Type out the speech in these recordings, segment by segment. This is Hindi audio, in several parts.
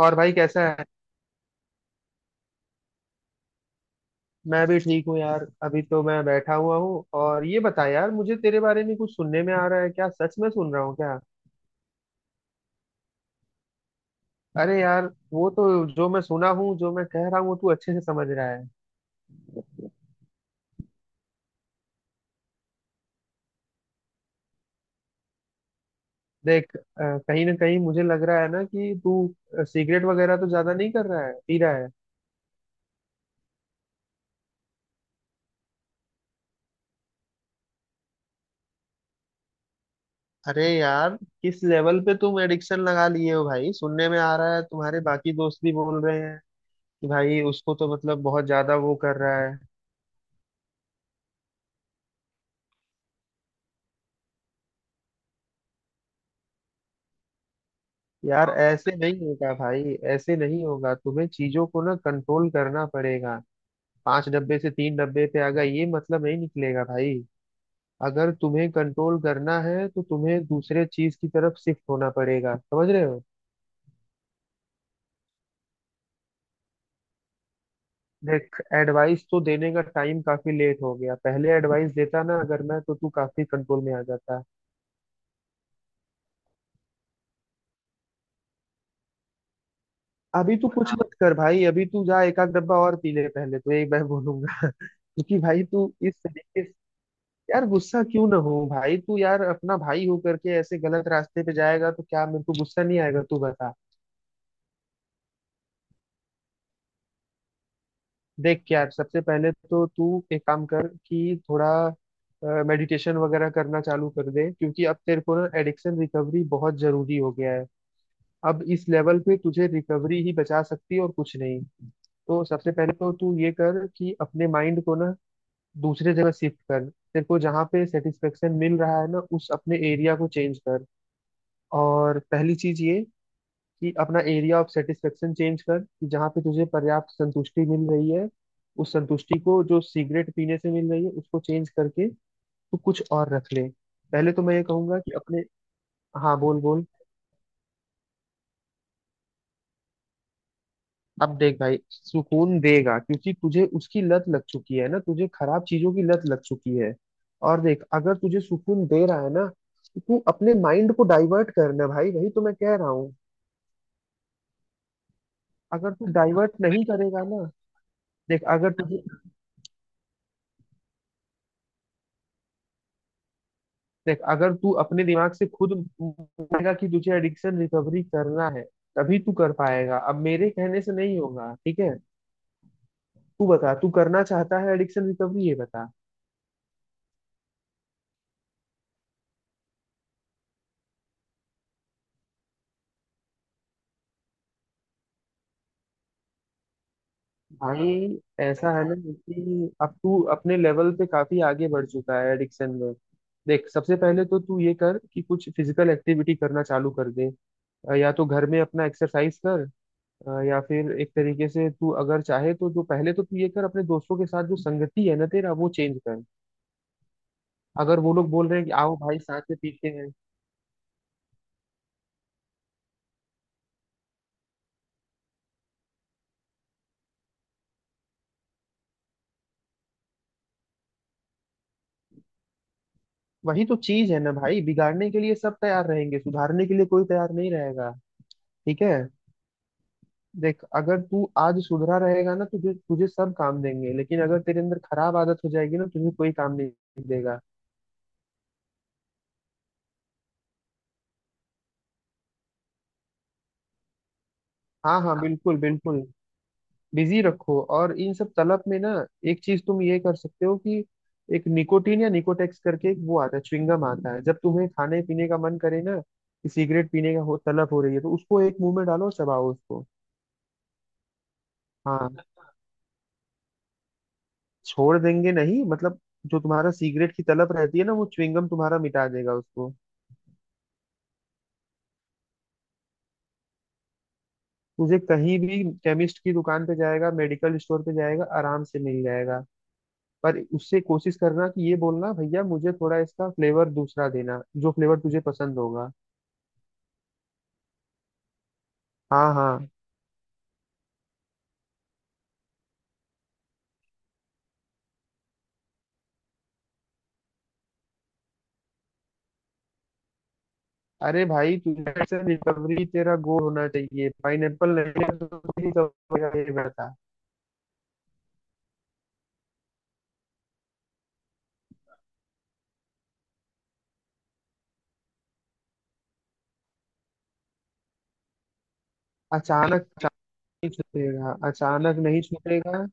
और भाई कैसा है। मैं भी ठीक हूँ यार, अभी तो मैं बैठा हुआ हूँ। और ये बता यार, मुझे तेरे बारे में कुछ सुनने में आ रहा है। क्या सच में सुन रहा हूँ क्या? अरे यार, वो तो। जो मैं सुना हूँ, जो मैं कह रहा हूँ, वो तू अच्छे से समझ रहा है। देख कहीं ना कहीं मुझे लग रहा है ना कि तू सिगरेट वगैरह तो ज्यादा नहीं कर रहा है, पी रहा है? अरे यार, किस लेवल पे तुम एडिक्शन लगा लिए हो भाई? सुनने में आ रहा है तुम्हारे बाकी दोस्त भी बोल रहे हैं कि भाई उसको तो मतलब बहुत ज्यादा वो कर रहा है। यार ऐसे नहीं होगा भाई, ऐसे नहीं होगा। तुम्हें चीजों को ना कंट्रोल करना पड़ेगा। पांच डब्बे से तीन डब्बे पे आ गए, ये मतलब नहीं निकलेगा भाई। अगर तुम्हें कंट्रोल करना है तो तुम्हें दूसरे चीज की तरफ शिफ्ट होना पड़ेगा, समझ रहे हो? देख, एडवाइस तो देने का टाइम काफी लेट हो गया। पहले एडवाइस देता ना अगर मैं तो तू काफी कंट्रोल में आ जाता। अभी तू कुछ हाँ मत कर भाई, अभी तू जा एक आध डब्बा और पी ले, पहले तो एक मैं बोलूंगा। क्योंकि भाई तू इस तरीके। यार गुस्सा क्यों ना हो भाई? तू यार अपना भाई हो करके ऐसे गलत रास्ते पे जाएगा तो क्या मेरे को गुस्सा नहीं आएगा? तू बता। देख यार, सबसे पहले तो तू एक काम कर कि थोड़ा मेडिटेशन वगैरह करना चालू कर दे, क्योंकि अब तेरे को ना एडिक्शन रिकवरी बहुत जरूरी हो गया है। अब इस लेवल पे तुझे रिकवरी ही बचा सकती है और कुछ नहीं। तो सबसे पहले तो तू ये कर कि अपने माइंड को ना दूसरे जगह शिफ्ट कर। तेरे को जहाँ पे सेटिस्फेक्शन मिल रहा है ना, उस अपने एरिया को चेंज कर। और पहली चीज ये कि अपना एरिया ऑफ सेटिस्फेक्शन चेंज कर, कि जहाँ पे तुझे पर्याप्त संतुष्टि मिल रही है, उस संतुष्टि को जो सिगरेट पीने से मिल रही है उसको चेंज करके तू कुछ और रख ले। पहले तो मैं ये कहूंगा कि अपने। हाँ, बोल बोल। अब देख भाई, सुकून देगा क्योंकि तुझे उसकी लत लग चुकी है ना, तुझे खराब चीजों की लत लग चुकी है। और देख अगर तुझे सुकून दे रहा है ना तो तू अपने माइंड को डाइवर्ट करना भाई, वही तो मैं कह रहा हूँ। अगर तू डाइवर्ट नहीं करेगा ना। देख अगर तुझे देख अगर तू अपने दिमाग से खुद मानेगा कि तुझे एडिक्शन रिकवरी करना है, तभी तू कर पाएगा। अब मेरे कहने से नहीं होगा, ठीक है? तू बता, तू करना चाहता है एडिक्शन रिकवरी, ये बता। भाई ऐसा है ना कि अब तू अपने लेवल पे काफी आगे बढ़ चुका है एडिक्शन में। देख सबसे पहले तो तू ये कर कि कुछ फिजिकल एक्टिविटी करना चालू कर दे। या तो घर में अपना एक्सरसाइज कर, या फिर एक तरीके से तू अगर चाहे तो जो, पहले तो तू ये कर, अपने दोस्तों के साथ जो संगति है ना तेरा, वो चेंज कर। अगर वो लोग बोल रहे हैं कि आओ भाई साथ में पीते हैं, वही तो चीज है ना भाई। बिगाड़ने के लिए सब तैयार रहेंगे, सुधारने के लिए कोई तैयार नहीं रहेगा, ठीक है? देख अगर तू आज सुधरा रहेगा ना तुझे, तुझे सब काम देंगे, लेकिन अगर तेरे अंदर खराब आदत हो जाएगी ना, तुझे कोई काम नहीं देगा। हाँ हाँ, बिल्कुल बिल्कुल। बिजी रखो। और इन सब तलब में ना, एक चीज तुम ये कर सकते हो कि एक निकोटीन या निकोटेक्स करके एक वो आता है, च्युइंगम आता है, जब तुम्हें खाने पीने का मन करे ना कि सिगरेट पीने का हो, तलब हो रही है, तो उसको एक मुंह में डालो और चबाओ उसको। हाँ, छोड़ देंगे नहीं मतलब, जो तुम्हारा सिगरेट की तलब रहती है ना वो च्युइंगम तुम्हारा मिटा देगा उसको। तुझे कहीं भी केमिस्ट की दुकान पे जाएगा, मेडिकल स्टोर पे जाएगा, आराम से मिल जाएगा। पर उससे कोशिश करना कि ये बोलना, भैया मुझे थोड़ा इसका फ्लेवर दूसरा देना, जो फ्लेवर तुझे पसंद होगा। हाँ हाँ। अरे भाई, तुझे से रिकवरी तेरा गोल होना चाहिए, पाइनएप्पल नहीं है तो recovery का ये बेटा। अचानक, अचानक नहीं छूटेगा, अचानक नहीं छूटेगा।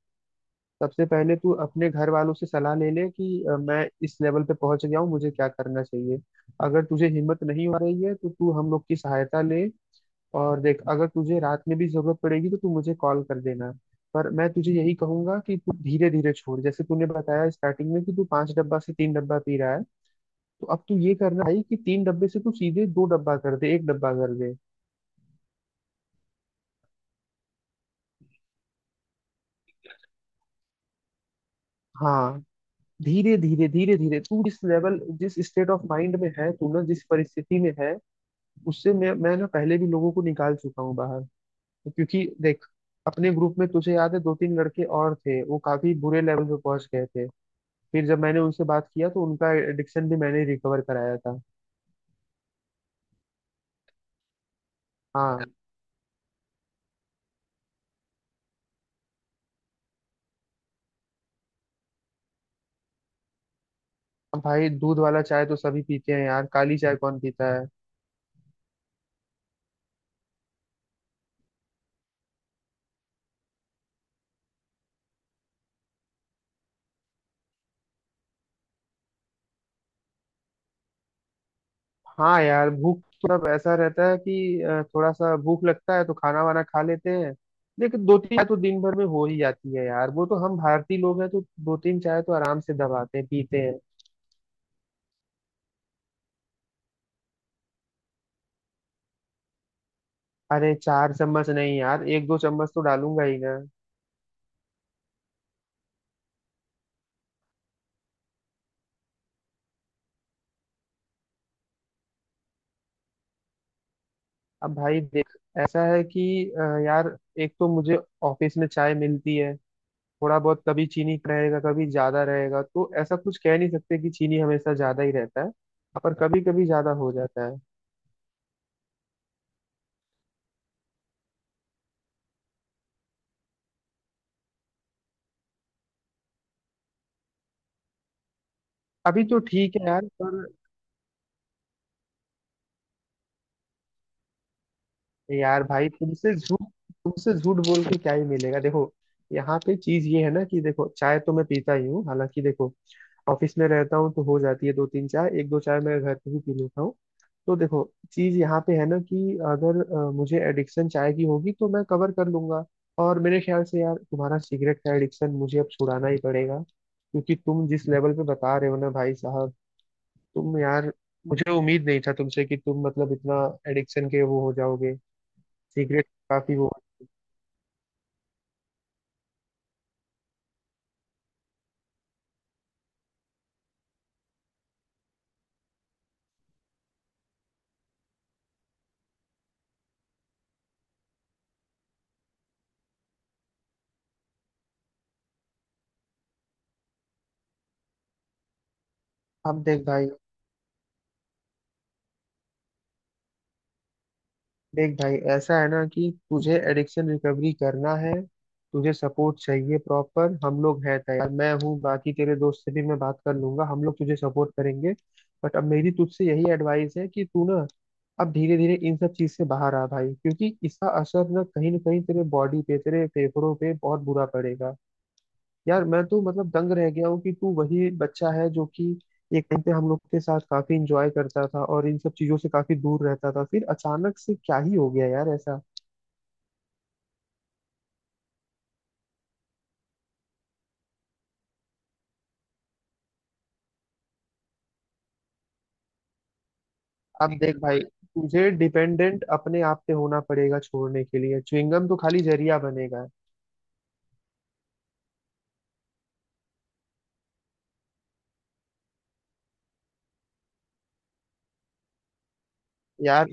सबसे पहले तू अपने घर वालों से सलाह ले ले कि मैं इस लेवल पे पहुंच गया हूँ, मुझे क्या करना चाहिए। अगर तुझे हिम्मत नहीं हो रही है तो तू हम लोग की सहायता ले। और देख अगर तुझे रात में भी जरूरत पड़ेगी तो तू मुझे कॉल कर देना। पर मैं तुझे यही कहूंगा कि तू धीरे धीरे छोड़, जैसे तूने बताया स्टार्टिंग में कि तू पांच डब्बा से तीन डब्बा पी रहा है, तो अब तू ये करना भाई कि तीन डब्बे से तू सीधे दो डब्बा कर दे, एक डब्बा कर दे। हाँ, धीरे धीरे धीरे धीरे। तू जिस लेवल, जिस स्टेट ऑफ माइंड में है तू ना, जिस परिस्थिति में है, उससे मैं ना पहले भी लोगों को निकाल चुका हूँ बाहर। क्योंकि देख, अपने ग्रुप में तुझे याद है दो तीन लड़के और थे, वो काफी बुरे लेवल पे पहुंच गए थे। फिर जब मैंने उनसे बात किया तो उनका एडिक्शन भी मैंने रिकवर कराया था। हाँ। अब भाई, दूध वाला चाय तो सभी पीते हैं यार, काली चाय कौन पीता है? हाँ यार, भूख थोड़ा ऐसा रहता है कि थोड़ा सा भूख लगता है तो खाना वाना खा लेते हैं। लेकिन दो तीन चाय तो दिन भर में हो ही जाती है यार, वो तो हम भारतीय लोग हैं, तो दो तीन चाय तो आराम से दबाते हैं, पीते हैं। अरे चार चम्मच नहीं यार, एक दो चम्मच तो डालूंगा ही मैं। अब भाई देख, ऐसा है कि यार, एक तो मुझे ऑफिस में चाय मिलती है। थोड़ा बहुत, कभी चीनी रहेगा, कभी ज्यादा रहेगा, तो ऐसा कुछ कह नहीं सकते कि चीनी हमेशा ज्यादा ही रहता है, पर कभी कभी ज्यादा हो जाता है। अभी तो ठीक है यार, पर। यार भाई तुमसे झूठ, तुमसे झूठ बोल के क्या ही मिलेगा। देखो, यहाँ पे चीज ये है ना कि, देखो चाय तो मैं पीता ही हूँ, हालांकि देखो ऑफिस में रहता हूँ तो हो जाती है दो तीन चाय, एक दो चाय मैं घर पे भी पी लेता हूँ। तो देखो, चीज यहाँ पे है ना कि अगर मुझे एडिक्शन चाय की होगी तो मैं कवर कर लूंगा। और मेरे ख्याल से यार तुम्हारा सिगरेट का एडिक्शन मुझे अब छुड़ाना ही पड़ेगा, क्योंकि तुम जिस लेवल पे बता रहे हो ना भाई साहब, तुम यार, मुझे उम्मीद नहीं था तुमसे कि तुम मतलब इतना एडिक्शन के वो हो जाओगे। सीक्रेट काफी वो। अब देख भाई ऐसा है ना कि तुझे एडिक्शन रिकवरी करना है, तुझे सपोर्ट चाहिए प्रॉपर। हम लोग हैं तैयार, मैं हूँ, बाकी तेरे दोस्त से भी मैं बात कर लूंगा, हम लोग तुझे सपोर्ट करेंगे। बट अब मेरी तुझसे यही एडवाइस है कि तू ना अब धीरे धीरे इन सब चीज से बाहर आ भाई, क्योंकि इसका असर ना कहीं तेरे बॉडी पे, तेरे फेफड़ों पे बहुत बुरा पड़ेगा। यार मैं तो मतलब दंग रह गया हूँ कि तू वही बच्चा है जो कि एक टाइम पे हम लोग के साथ काफी इंजॉय करता था और इन सब चीजों से काफी दूर रहता था, फिर अचानक से क्या ही हो गया यार ऐसा। अब देख भाई, तुझे डिपेंडेंट अपने आप पे होना पड़ेगा, छोड़ने के लिए च्युइंगम तो खाली जरिया बनेगा। यार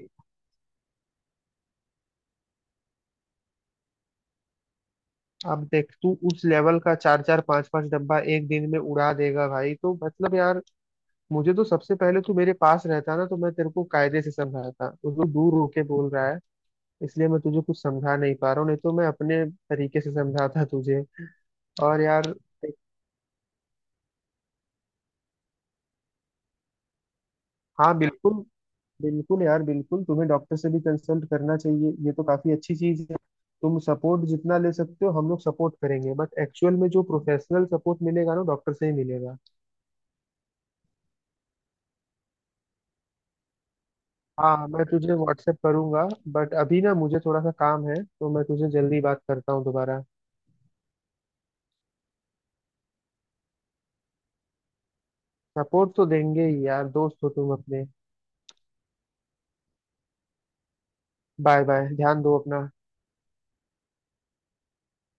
अब देख तू उस लेवल का, चार चार पांच पांच डब्बा एक दिन में उड़ा देगा भाई, तो मतलब यार मुझे तो, सबसे पहले तू मेरे पास रहता ना तो मैं तेरे को कायदे से समझाता, वो तो दूर होके बोल रहा है, इसलिए मैं तुझे कुछ समझा नहीं पा रहा हूँ, नहीं तो मैं अपने तरीके से समझाता तुझे। और यार। हाँ बिल्कुल, बिल्कुल यार बिल्कुल, तुम्हें डॉक्टर से भी कंसल्ट करना चाहिए, ये तो काफी अच्छी चीज है। तुम सपोर्ट जितना ले सकते हो हम लोग सपोर्ट करेंगे, बट एक्चुअल में जो प्रोफेशनल सपोर्ट मिलेगा ना, डॉक्टर से ही मिलेगा। हाँ, मैं तुझे व्हाट्सएप करूंगा, बट अभी ना मुझे थोड़ा सा काम है, तो मैं तुझे जल्दी बात करता हूँ दोबारा। सपोर्ट तो देंगे ही यार, दोस्त हो तुम अपने। बाय बाय, ध्यान दो अपना।